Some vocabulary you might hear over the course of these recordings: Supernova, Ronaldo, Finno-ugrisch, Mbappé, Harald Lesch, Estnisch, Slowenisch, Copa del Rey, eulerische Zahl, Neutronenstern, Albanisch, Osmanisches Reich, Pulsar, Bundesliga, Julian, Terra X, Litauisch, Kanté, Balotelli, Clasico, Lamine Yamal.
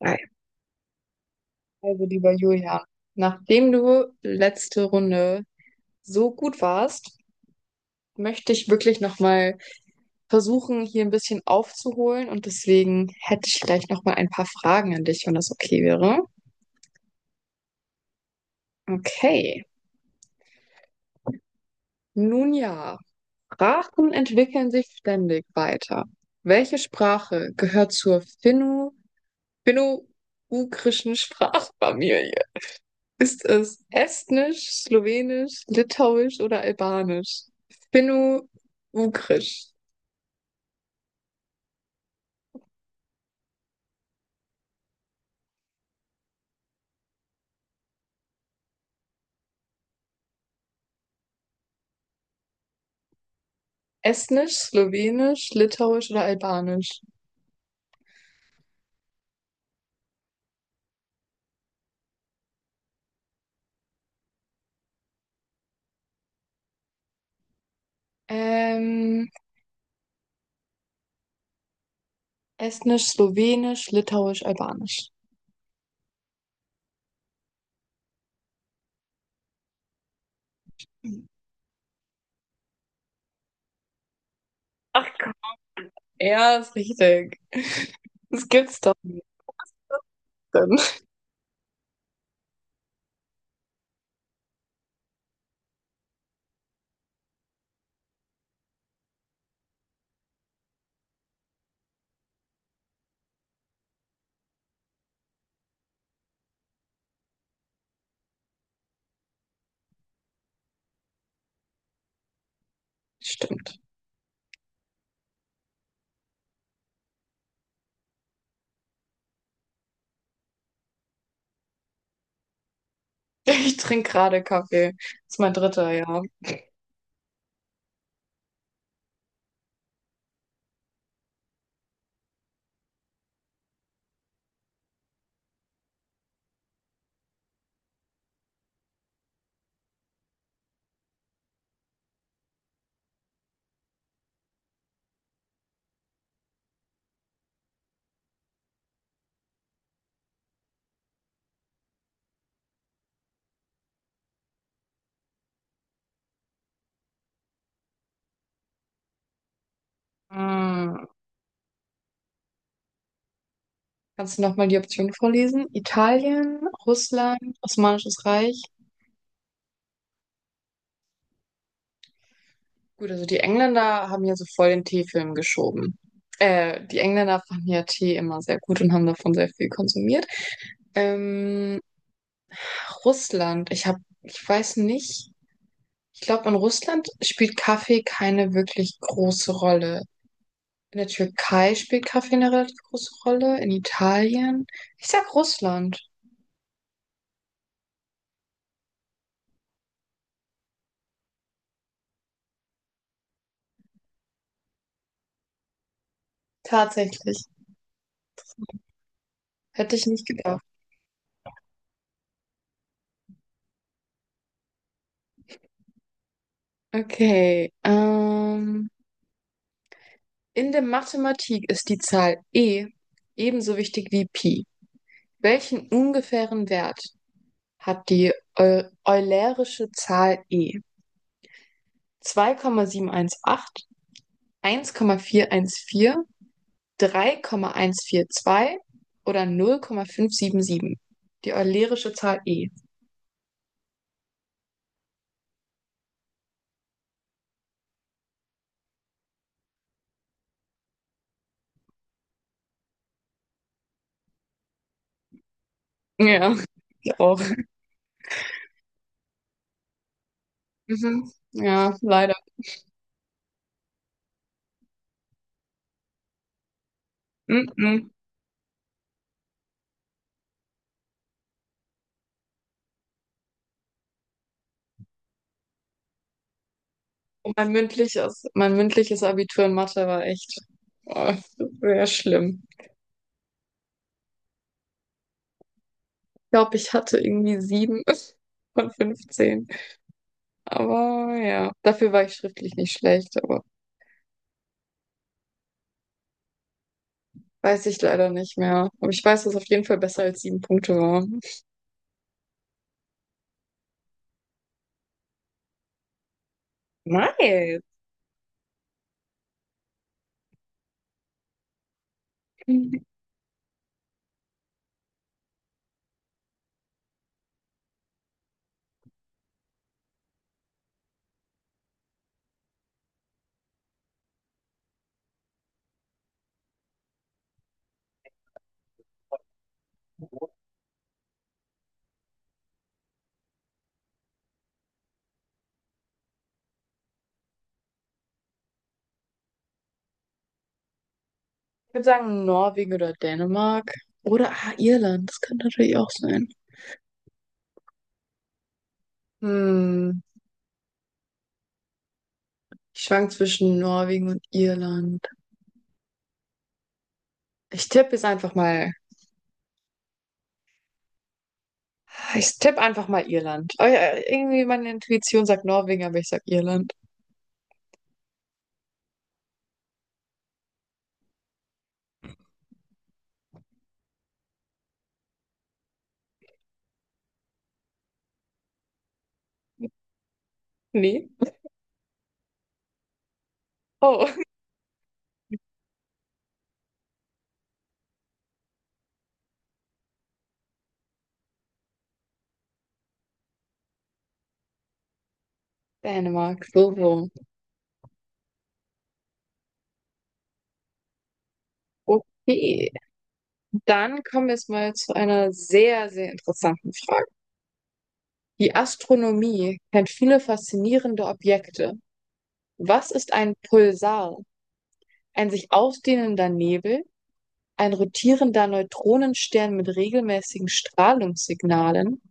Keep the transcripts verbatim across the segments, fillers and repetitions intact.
Ei. Also, lieber Julian, nachdem du letzte Runde so gut warst, möchte ich wirklich nochmal versuchen, hier ein bisschen aufzuholen, und deswegen hätte ich vielleicht nochmal ein paar Fragen an dich, wenn das okay wäre. Okay. Nun ja, Sprachen entwickeln sich ständig weiter. Welche Sprache gehört zur Finno, finno-ugrischen Sprachfamilie? Ist es Estnisch, Slowenisch, Litauisch oder Albanisch? Finno Ugrisch. Estnisch, Slowenisch, Litauisch oder Albanisch? Ähm, Estnisch, Slowenisch, Litauisch, Albanisch. Ach Gott. Ja, ist richtig. Das gibt's doch nicht. Dann. Stimmt. Ich trinke gerade Kaffee. Das ist mein dritter, ja. Hm. Kannst du nochmal die Option vorlesen? Italien, Russland, Osmanisches Reich. Gut, also die Engländer haben ja so voll den Teefilm geschoben. Äh, die Engländer fanden ja Tee immer sehr gut und haben davon sehr viel konsumiert. Ähm, Russland, ich habe, ich weiß nicht, ich glaube, in Russland spielt Kaffee keine wirklich große Rolle. In der Türkei spielt Kaffee eine relativ große Rolle, in Italien. Ich sag Russland, tatsächlich. Hätte ich nicht gedacht. Okay, ähm, in der Mathematik ist die Zahl E ebenso wichtig wie Pi. Welchen ungefähren Wert hat die Eu eulerische Zahl e? zwei Komma sieben eins acht, eins Komma vier eins vier, drei Komma eins vier zwei oder null Komma fünf sieben sieben? Die eulerische Zahl e. Ja, ich auch. Mhm. Ja, leider. Mhm. Mein mündliches, mein mündliches Abitur in Mathe war echt, oh, sehr schlimm. Ich glaube, ich hatte irgendwie sieben von fünfzehn. Aber ja, dafür war ich schriftlich nicht schlecht, aber weiß ich leider nicht mehr. Aber ich weiß, dass es auf jeden Fall besser als sieben Punkte war. Nice. Ich würde sagen Norwegen oder Dänemark. Oder ah, Irland, das könnte natürlich auch sein. Hm, ich schwank zwischen Norwegen und Irland. Ich tippe jetzt einfach mal. Ich tippe einfach mal Irland. Oh ja, irgendwie meine Intuition sagt Norwegen, aber ich sag Irland. Nee. Oh, Dänemark, so, so. Okay. Dann kommen wir jetzt mal zu einer sehr, sehr interessanten Frage. Die Astronomie kennt viele faszinierende Objekte. Was ist ein Pulsar? Ein sich ausdehnender Nebel, ein rotierender Neutronenstern mit regelmäßigen Strahlungssignalen,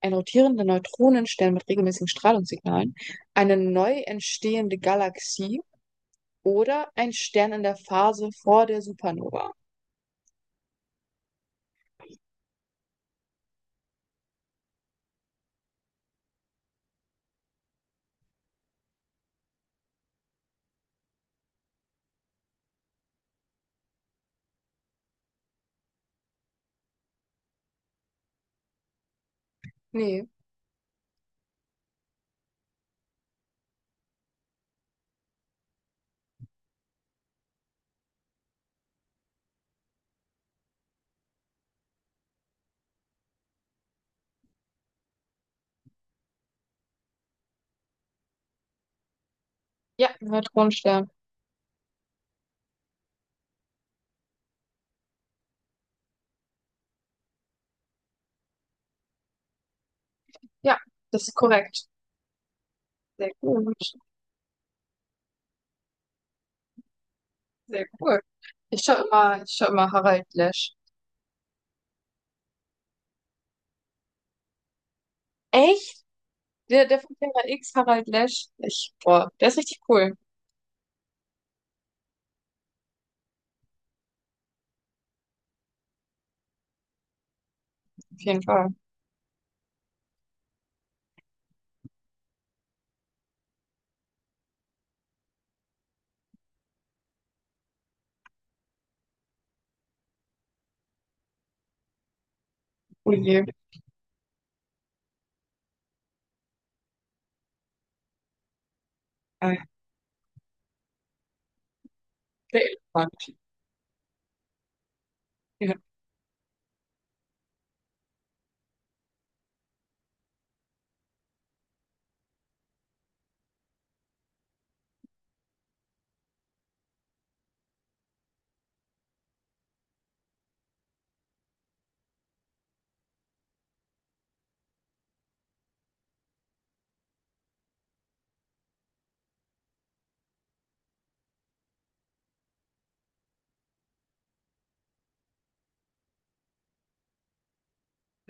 ein rotierender Neutronenstern mit regelmäßigen Strahlungssignalen, eine neu entstehende Galaxie oder ein Stern in der Phase vor der Supernova? Nee. Ja, Neutronenstern. Ja, das ist korrekt. Sehr gut. Sehr cool. Ich schaue immer, ich schau immer Harald Lesch. Echt? Der, der von Terra X, Harald Lesch. Ich, boah, der ist richtig cool. Auf jeden Fall. Oh je. Äh, Der Elefant. Ja,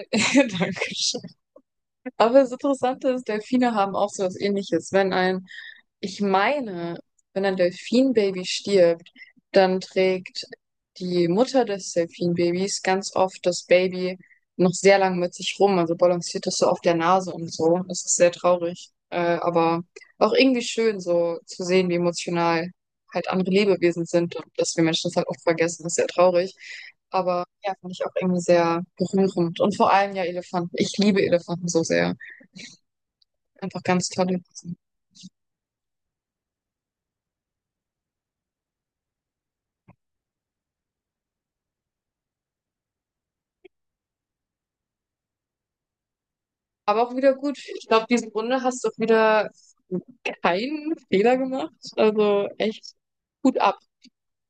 danke. Aber das Interessante ist, Delfine haben auch so was Ähnliches. Wenn ein, ich meine, wenn ein Delfinbaby stirbt, dann trägt die Mutter des Delfinbabys ganz oft das Baby noch sehr lang mit sich rum, also balanciert es so auf der Nase und so. Das ist sehr traurig, äh, aber auch irgendwie schön, so zu sehen, wie emotional halt andere Lebewesen sind, und dass wir Menschen das halt oft vergessen. Das ist sehr traurig. Aber ja, fand ich auch irgendwie sehr berührend. Und vor allem ja Elefanten. Ich liebe Elefanten so sehr. Einfach ganz tolle Sachen. Aber auch wieder gut. Ich glaube, diese Runde hast du auch wieder keinen Fehler gemacht. Also echt gut ab.